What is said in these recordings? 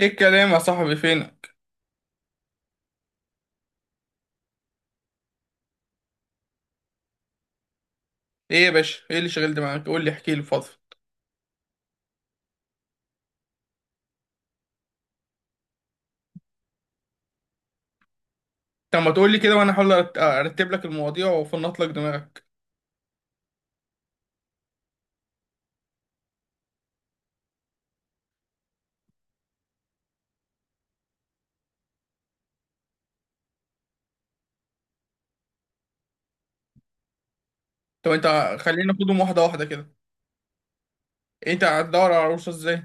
ايه الكلام يا صاحبي؟ فينك؟ ايه يا باشا؟ ايه اللي شغلت معاك؟ قول لي، احكي لي، فضل. طب ما تقول لي كده وانا احاول ارتب لك المواضيع وافنط لك دماغك. طب انت، خلينا ناخدهم واحده واحده كده. انت هتدور على عروسه ازاي؟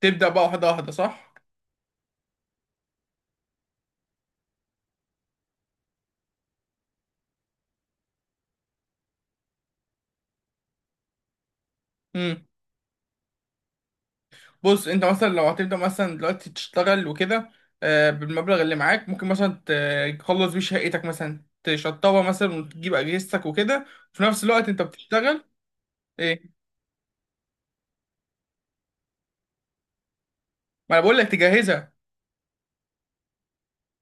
تبدا بقى واحده واحده، صح؟ امم. بص، انت مثلا لو هتبدا مثلا دلوقتي تشتغل وكده، بالمبلغ اللي معاك ممكن مثلا تخلص بيه شقتك، مثلا تشطبها مثلا وتجيب اجهزتك وكده، وفي نفس الوقت انت بتشتغل. ايه؟ ما انا بقول لك تجهزها.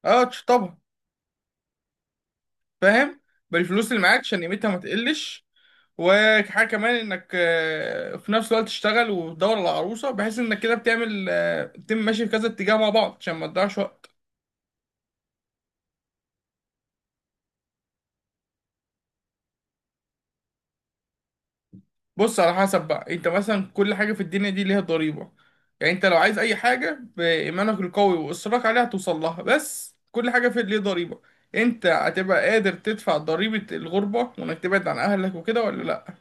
اه، تشطبها. فاهم؟ بالفلوس اللي معاك عشان قيمتها ما تقلش. وحاجه كمان، انك في نفس الوقت تشتغل وتدور على عروسه، بحيث انك كده بتعمل، تتم ماشي في كذا اتجاه مع بعض عشان ما تضيعش وقت. بص، على حسب بقى، انت مثلا كل حاجه في الدنيا دي ليها ضريبه. يعني انت لو عايز اي حاجه بايمانك القوي واصرارك عليها هتوصل لها، بس كل حاجه في ليها ضريبه. انت هتبقى قادر تدفع ضريبه الغربه وانك تبعد عن اهلك وكده ولا لا؟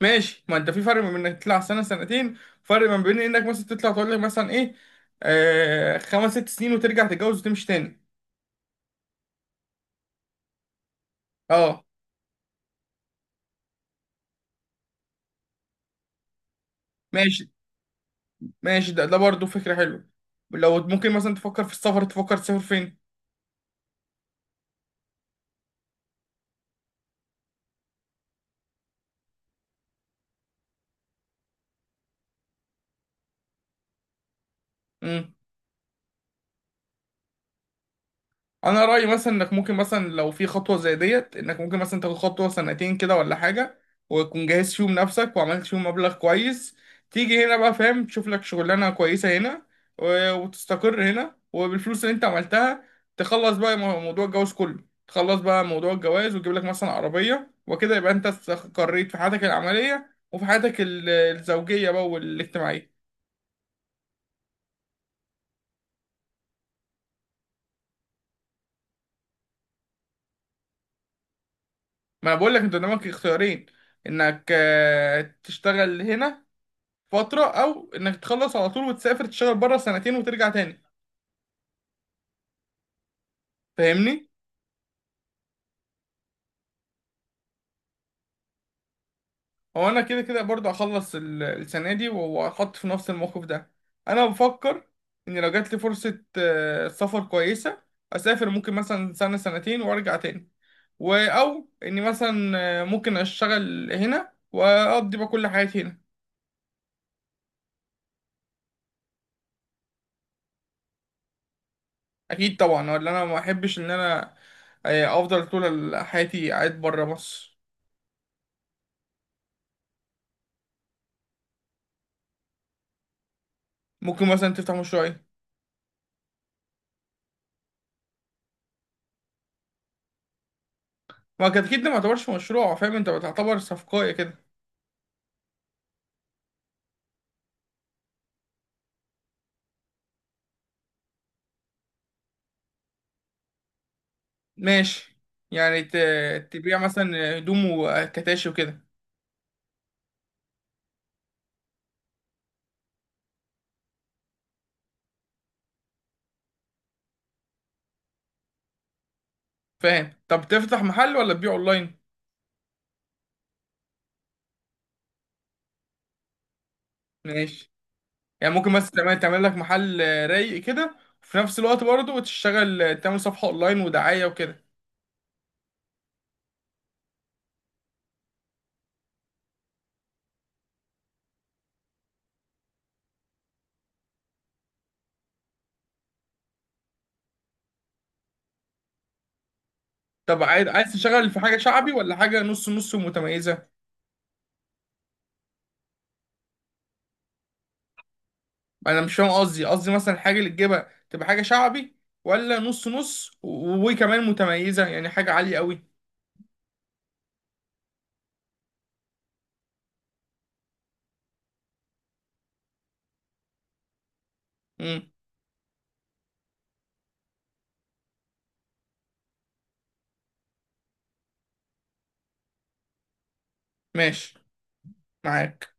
ماشي. ما انت في فرق ما بين انك تطلع سنه سنتين، فرق ما بين انك مثلا تطلع، تقول لك مثلا ايه، خمس ست سنين وترجع تتجوز وتمشي تاني. اه. ماشي. ماشي، ده برضه فكره حلوه. لو ممكن مثلا تفكر في السفر، تفكر تسافر فين؟ انا رايي مثلا انك ممكن مثلا لو في خطوه زي ديت، انك ممكن مثلا تاخد خطوه سنتين كده ولا حاجه، وتكون جاهز فيهم نفسك وعملت فيهم مبلغ كويس، تيجي هنا بقى فاهم، تشوف لك شغلانه كويسه هنا وتستقر هنا، وبالفلوس اللي انت عملتها تخلص بقى موضوع الجواز كله، تخلص بقى موضوع الجواز وتجيب لك مثلا عربيه وكده، يبقى انت استقريت في حياتك العمليه وفي حياتك الزوجيه بقى والاجتماعيه. ما انا بقول لك، انت قدامك اختيارين: انك تشتغل هنا فترة، أو إنك تخلص على طول وتسافر تشتغل بره سنتين وترجع تاني. فاهمني؟ هو أنا كده كده برضه هخلص السنة دي وهحط في نفس الموقف ده. أنا بفكر إن لو جات لي فرصة سفر كويسة، أسافر ممكن مثلا سنة سنتين وأرجع تاني. و أو إني مثلا، ممكن أشتغل هنا وأقضي بقى كل حياتي هنا. أكيد طبعا، ولا أنا ما أحبش إن أنا أفضل طول حياتي قاعد بره مصر. ممكن مثلا تفتح مشروع إيه؟ ما التدخين ده ما يعتبرش مشروع، فاهم؟ انت بتعتبر صفقاية كده. ماشي. يعني تبيع مثلا هدوم وكتاشي وكده. فاهم. طب تفتح محل ولا تبيع اونلاين؟ ماشي. يعني ممكن مثلا تعمل لك محل رايق كده، وفي نفس الوقت برضه تشتغل تعمل صفحة اونلاين ودعاية وكده. طب عايز تشتغل في حاجة شعبي ولا حاجة نص نص متميزة؟ انا مش فاهم قصدي مثلا الحاجة اللي تجيبها تبقى حاجة شعبي، ولا نص نص وكمان متميزة؟ يعني حاجة عالية قوي. امم. ماشي، معاك.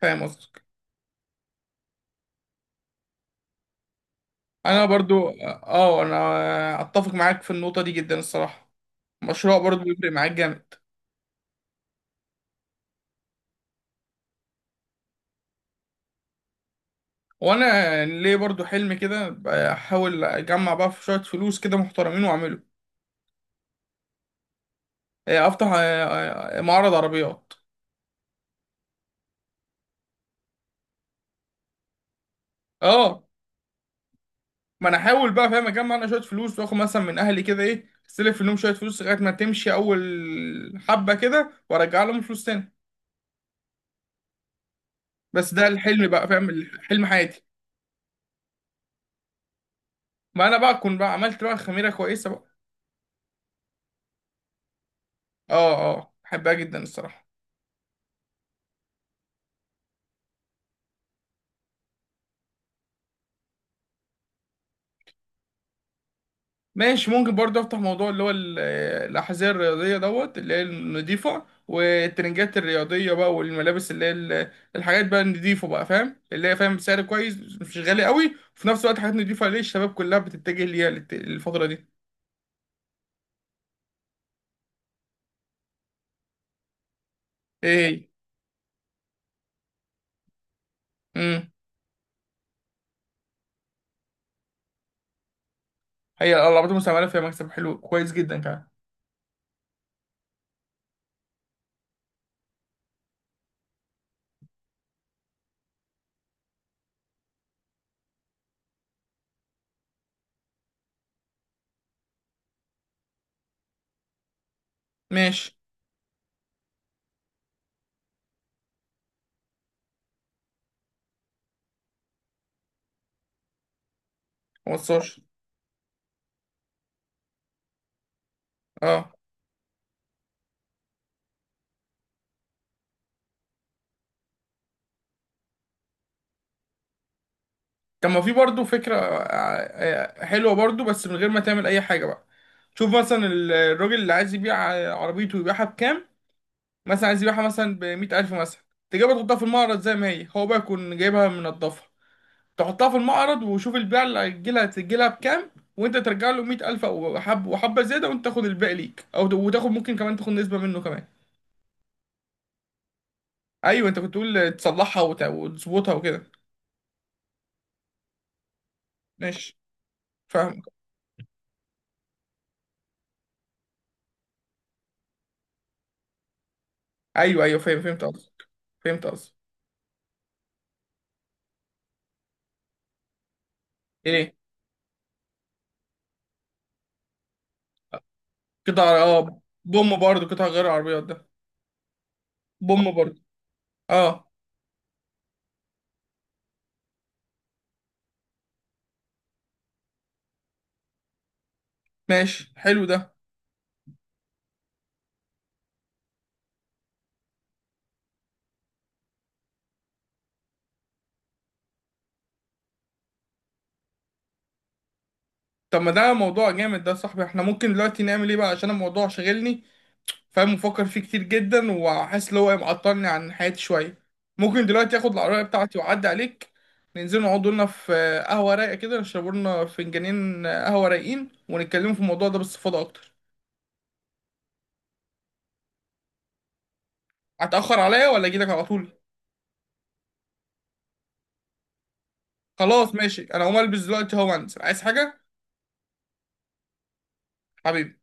فاهم قصدك. انا برضو، اه، انا اتفق معاك في النقطه دي جدا الصراحه. مشروع برضو بيفرق معاك جامد. وانا ليه برضو حلم كده، احاول اجمع بقى في شويه فلوس كده محترمين واعمله. افتح معرض عربيات. اه. ما انا احاول بقى فاهم، اجمع انا شويه فلوس واخد مثلا من اهلي كده، ايه، استلف منهم شويه فلوس لغايه ما تمشي اول حبه كده وارجع لهم فلوس تاني. بس ده الحلم بقى، فاهم، حلم حياتي. ما انا بقى اكون بقى عملت بقى خميره كويسه بقى. اه اه، بحبها جدا الصراحة. ماشي. ممكن برضه افتح موضوع اللي هو الأحذية الرياضية دوت، اللي هي النضيفة، والترنجات الرياضية بقى، والملابس اللي هي الحاجات بقى النضيفة بقى، فاهم، اللي هي فاهم سعر كويس مش غالي قوي، وفي نفس الوقت حاجات نضيفة ليه، الشباب كلها بتتجه ليها الفترة دي. ايه هي؟ امم. هي الألعاب المستعملة فيها مكسب حلو كويس جدا كمان. ماشي. موصلش. اه. طب ما في برضه فكرة حلوة برضه، بس من غير ما تعمل أي حاجة بقى. شوف مثلا الراجل اللي عايز يبيع عربيته، يبيعها بكام؟ مثلا عايز يبيعها مثلا بمية ألف مثلا، تجيبها تحطها في المعرض زي ما هي، هو بقى يكون جايبها منضفة، تحطها في المعرض وشوف البيع اللي هيجيلها، تجيلها بكام، وأنت ترجع له مية ألف أو حب وحبة زيادة، وأنت تاخد الباقي ليك، أو وتاخد ممكن كمان تاخد نسبة منه كمان. أيوه، أنت كنت تقول تصلحها وتظبطها وكده. ماشي. فاهم. أيوه أيوه، فاهم، فهمت قصدك. فهمت قصدك. إيه؟ قطع، اه، بوم برضه، قطع غير عربيات ده. بوم برضه. اه. ماشي، حلو ده. طب ما ده موضوع جامد ده يا صاحبي. احنا ممكن دلوقتي نعمل ايه بقى عشان الموضوع شاغلني، فاهم، مفكر فيه كتير جدا، وحاسس ان هو معطلني عن حياتي شويه. ممكن دلوقتي اخد العربيه بتاعتي واعدي عليك، ننزل نقعد لنا في قهوه رايقه كده، نشرب لنا فنجانين قهوه رايقين، ونتكلم في الموضوع ده باستفاضه اكتر. هتاخر عليا ولا اجي لك على طول؟ خلاص ماشي، انا هقوم البس دلوقتي اهو وانزل. عايز حاجه؟ حبيبي.